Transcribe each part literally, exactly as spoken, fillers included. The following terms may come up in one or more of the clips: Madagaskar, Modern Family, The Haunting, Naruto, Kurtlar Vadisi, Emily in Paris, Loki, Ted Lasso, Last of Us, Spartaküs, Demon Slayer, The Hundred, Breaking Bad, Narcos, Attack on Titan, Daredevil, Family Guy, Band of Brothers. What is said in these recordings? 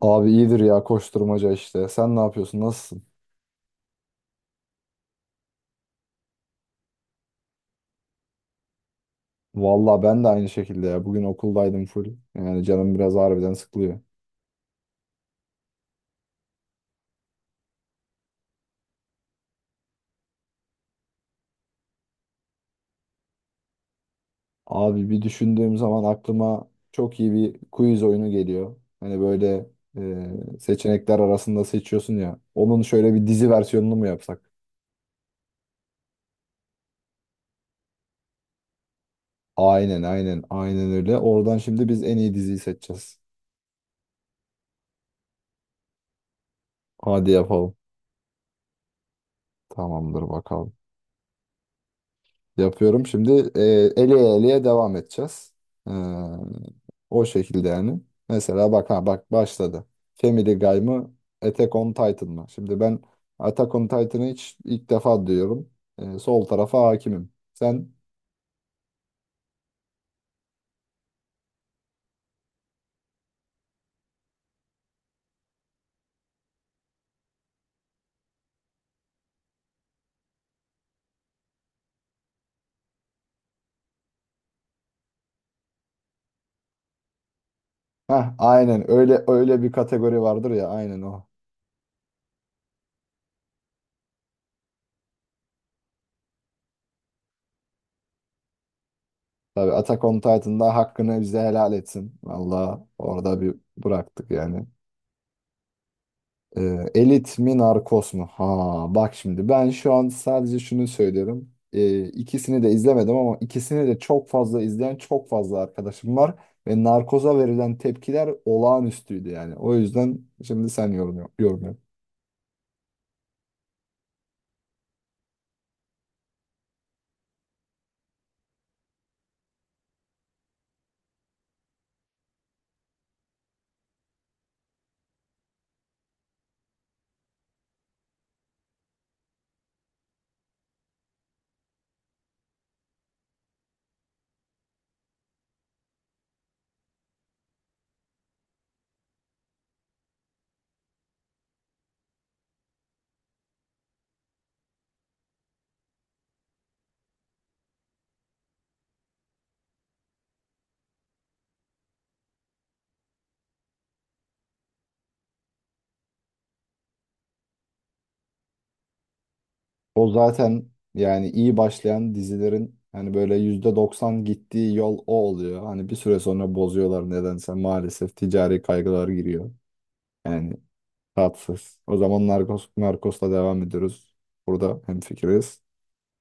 Abi iyidir ya, koşturmaca işte. Sen ne yapıyorsun? Nasılsın? Valla ben de aynı şekilde ya. Bugün okuldaydım full. Yani canım biraz harbiden sıkılıyor. Abi bir düşündüğüm zaman aklıma çok iyi bir quiz oyunu geliyor. Hani böyle e, seçenekler arasında seçiyorsun ya. Onun şöyle bir dizi versiyonunu mu yapsak? Aynen aynen aynen öyle. Oradan şimdi biz en iyi diziyi seçeceğiz. Hadi yapalım. Tamamdır bakalım. Yapıyorum. Şimdi e, eleye eleye devam edeceğiz. E, O şekilde yani. Mesela bak, ha bak, başladı. Family Guy mı? Attack on Titan mı? Şimdi ben Attack on Titan'ı hiç, ilk defa duyuyorum. E, sol tarafa hakimim. Sen ha, aynen öyle, öyle bir kategori vardır ya, aynen o. Tabii Attack on Titan'da hakkını bize helal etsin. Vallahi orada bir bıraktık yani. Ee, elit mi, narkos mu? Ha bak, şimdi ben şu an sadece şunu söylerim, Ee, ikisini de izlemedim ama ikisini de çok fazla izleyen çok fazla arkadaşım var. Ve narkoza verilen tepkiler olağanüstüydü yani. O yüzden şimdi sen yorum, yap- yorum yap. O zaten yani iyi başlayan dizilerin hani böyle yüzde doksan gittiği yol o oluyor. Hani bir süre sonra bozuyorlar nedense, maalesef ticari kaygılar giriyor. Yani tatsız. O zaman Narcos, Narcos'la devam ediyoruz. Burada hemfikiriz.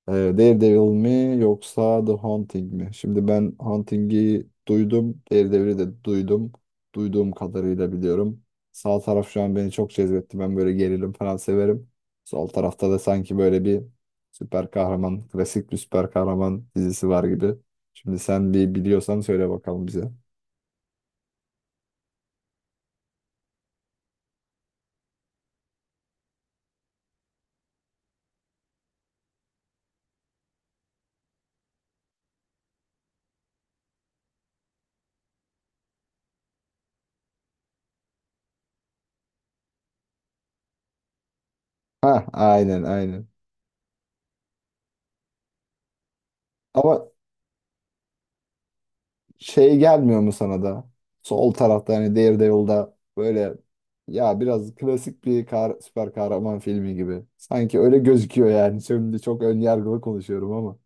Ee, Daredevil mi, yoksa The Haunting mi? Şimdi ben Haunting'i duydum. Daredevil'i de duydum. Duyduğum kadarıyla biliyorum. Sağ taraf şu an beni çok cezbetti. Ben böyle gerilim falan severim. Sol tarafta da sanki böyle bir süper kahraman, klasik bir süper kahraman dizisi var gibi. Şimdi sen bir biliyorsan söyle bakalım bize. Ha, aynen aynen. Ama şey gelmiyor mu sana da? Sol tarafta hani Daredevil'da böyle ya biraz klasik bir kar, süper kahraman filmi gibi. Sanki öyle gözüküyor yani. Şimdi çok ön yargılı konuşuyorum ama.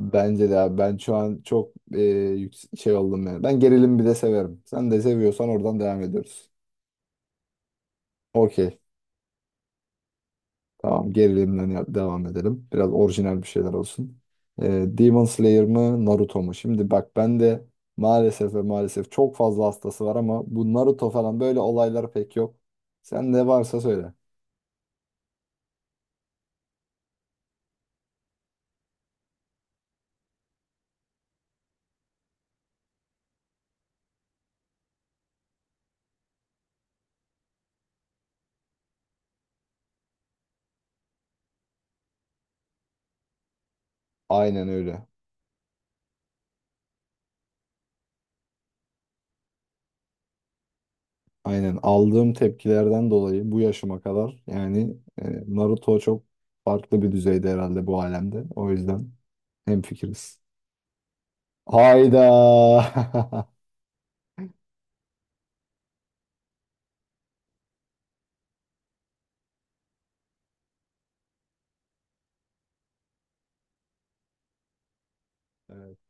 Bence de abi ben şu an çok e, yüks- şey oldum yani. Ben gerilim bir de severim. Sen de seviyorsan oradan devam ediyoruz. Okey. Tamam, gerilimden ya- devam edelim. Biraz orijinal bir şeyler olsun. Ee, Demon Slayer mı, Naruto mu? Şimdi bak, ben de maalesef ve maalesef, çok fazla hastası var ama bu Naruto falan böyle olaylar pek yok. Sen ne varsa söyle. Aynen öyle. Aynen, aldığım tepkilerden dolayı bu yaşıma kadar yani e, Naruto çok farklı bir düzeyde herhalde bu alemde. O yüzden hemfikiriz. Hayda.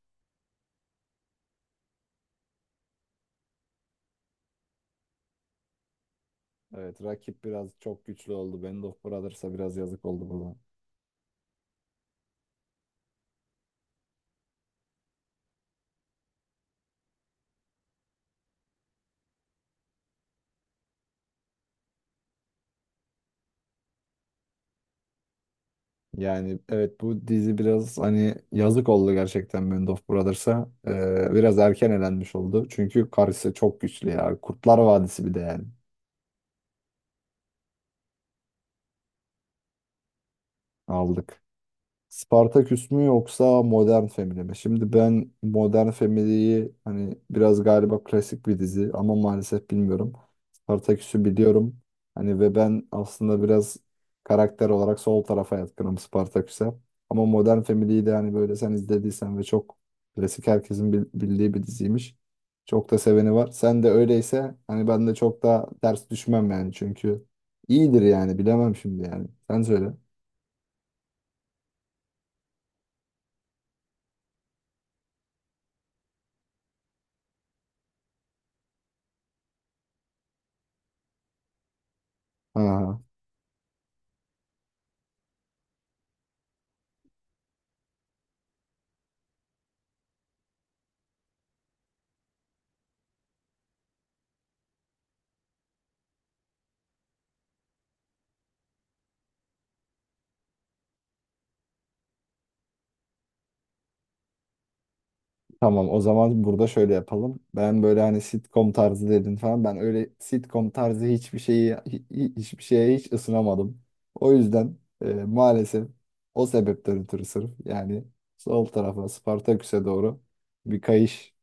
Evet, rakip biraz çok güçlü oldu. Band of Brothers'a biraz yazık oldu burada. Yani evet, bu dizi biraz hani yazık oldu gerçekten Band of Brothers'a. Ee, biraz erken elenmiş oldu. Çünkü karşısı çok güçlü ya. Kurtlar Vadisi bir de yani. Aldık. Spartaküs mü, yoksa Modern Family mi? Şimdi ben Modern Family'yi hani biraz galiba klasik bir dizi ama maalesef bilmiyorum. Spartaküs'ü biliyorum. Hani ve ben aslında biraz karakter olarak sol tarafa yatkınım, Spartaküs'e. Ama Modern Family'yi de hani böyle sen izlediysen ve çok klasik, herkesin bil- bildiği bir diziymiş. Çok da seveni var. Sen de öyleyse hani ben de çok da ters düşmem yani, çünkü iyidir yani, bilemem şimdi yani. Sen söyle. Ha. Tamam, o zaman burada şöyle yapalım. Ben böyle hani sitcom tarzı dedin falan. Ben öyle sitcom tarzı hiçbir şeyi hi- hi- hiçbir şeye hiç ısınamadım. O yüzden e, maalesef o sebepten ötürü sırf yani sol tarafa, Spartaküs'e doğru bir kayış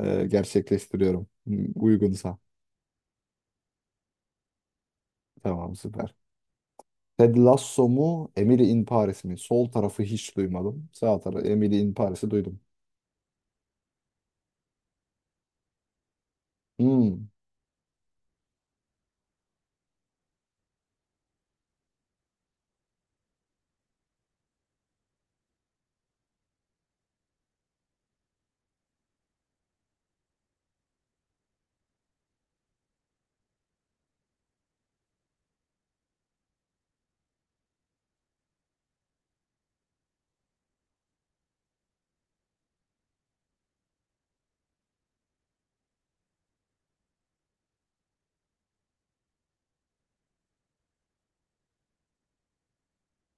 e, gerçekleştiriyorum. Hmm, uygunsa. Tamam, süper. Ted Lasso mu, Emily in Paris mi? Sol tarafı hiç duymadım. Sağ tarafı, Emily in Paris'i duydum. Hmm.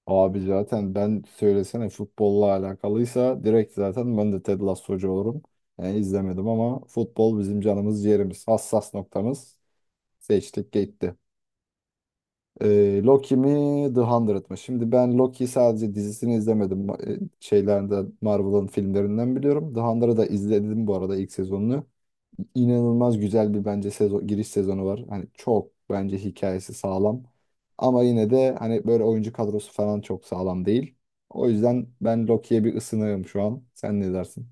Abi zaten, ben söylesene futbolla alakalıysa direkt zaten ben de Ted Lasso'cu olurum. Yani izlemedim ama futbol bizim canımız ciğerimiz. Hassas noktamız. Seçtik gitti. Ee, Loki mi, The Hundred mı? Şimdi ben Loki sadece, dizisini izlemedim. Ma- e, Şeylerden, Marvel'ın filmlerinden biliyorum. The Hundred'ı da izledim bu arada, ilk sezonunu. İnanılmaz güzel bir, bence sezo- giriş sezonu var. Hani çok bence hikayesi sağlam. Ama yine de hani böyle oyuncu kadrosu falan çok sağlam değil. O yüzden ben Loki'ye bir ısınığım şu an. Sen ne dersin?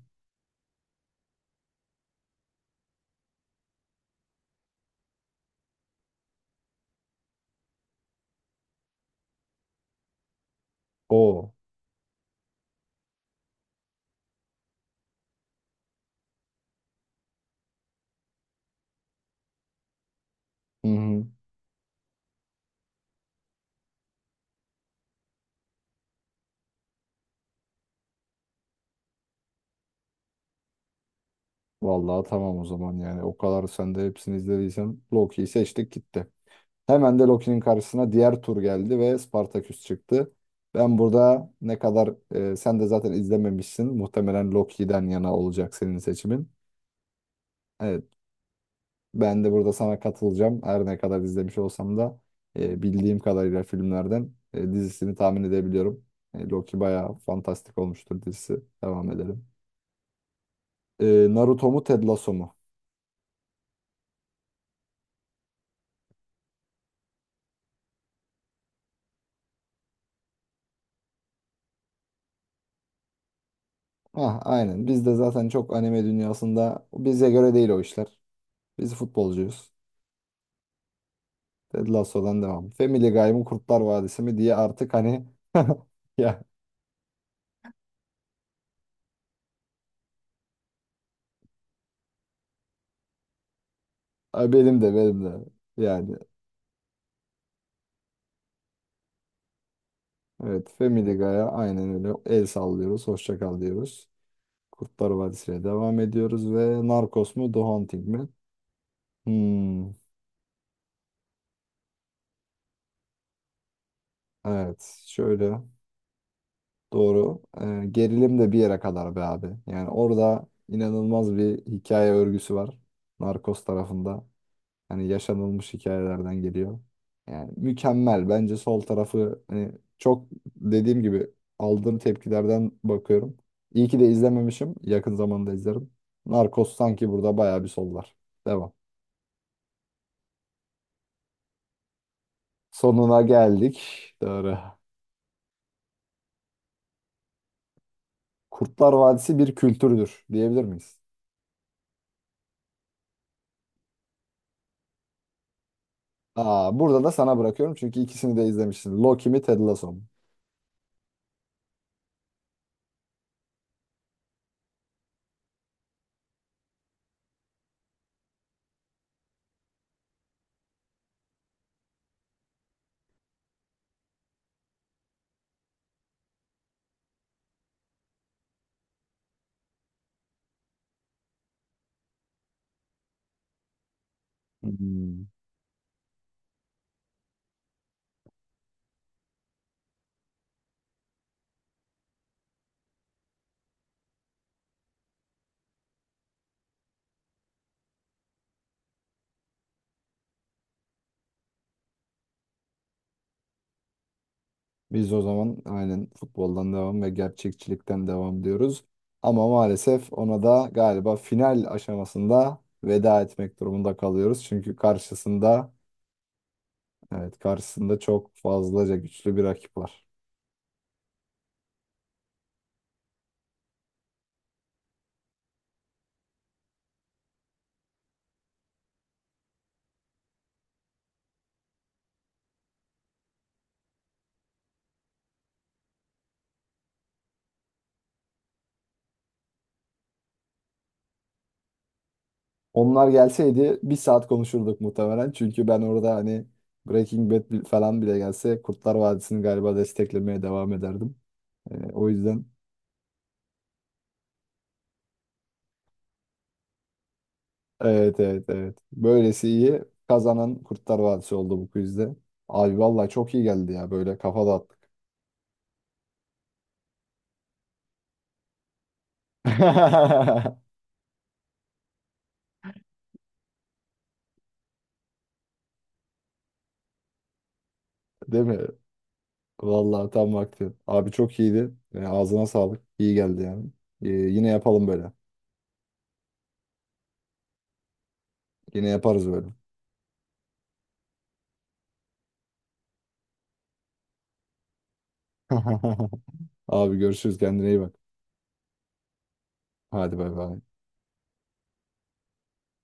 O. Hı hı. Vallahi tamam o zaman yani. O kadar sen de hepsini izlediysen, Loki'yi seçtik gitti. Hemen de Loki'nin karşısına diğer tur geldi ve Spartaküs çıktı. Ben burada ne kadar e, sen de zaten izlememişsin, muhtemelen Loki'den yana olacak senin seçimin. Evet. Ben de burada sana katılacağım. Her ne kadar izlemiş olsam da e, bildiğim kadarıyla filmlerden e, dizisini tahmin edebiliyorum. E, Loki bayağı fantastik olmuştur dizisi. Devam edelim. E, Naruto mu, Ted Lasso mu? Ah, aynen. Biz de zaten çok anime dünyasında, bize göre değil o işler. Biz futbolcuyuz. Ted Lasso'dan devam. Family Guy mı, Kurtlar Vadisi mi diye artık hani ya, ay benim de benim de yani, evet, Family Guy'a aynen öyle el sallıyoruz. Hoşça kal diyoruz. Kurtlar Vadisi'ne devam ediyoruz. Ve Narcos mu, The Hunting mi? Hmm, evet, şöyle doğru. Ee, gerilim de bir yere kadar be abi. Yani orada inanılmaz bir hikaye örgüsü var. Narcos tarafında. Hani yaşanılmış hikayelerden geliyor. Yani mükemmel. Bence sol tarafı hani çok, dediğim gibi, aldığım tepkilerden bakıyorum. İyi ki de izlememişim. Yakın zamanda izlerim. Narcos sanki burada bayağı bir sollar. Devam. Sonuna geldik. Doğru. Kurtlar Vadisi bir kültürdür diyebilir miyiz? Aa, burada da sana bırakıyorum çünkü ikisini de izlemişsin. Loki mi, Ted Lasso mu? Hmm. Biz o zaman aynen futboldan devam ve gerçekçilikten devam diyoruz. Ama maalesef ona da galiba final aşamasında veda etmek durumunda kalıyoruz. Çünkü karşısında, evet karşısında, çok fazlaca güçlü bir rakip var. Onlar gelseydi bir saat konuşurduk muhtemelen. Çünkü ben orada hani Breaking Bad bi- falan bile gelse Kurtlar Vadisi'ni galiba desteklemeye devam ederdim. Ee, o yüzden evet evet evet. Böylesi iyi. Kazanan Kurtlar Vadisi oldu bu quizde. Abi vallahi çok iyi geldi ya, böyle kafa dağıttık. Değil mi? Vallahi tam vakti. Abi çok iyiydi. Ee, ağzına sağlık. İyi geldi yani. Ee, yine yapalım böyle. Yine yaparız böyle. Abi görüşürüz, kendine iyi bak. Hadi bay bay.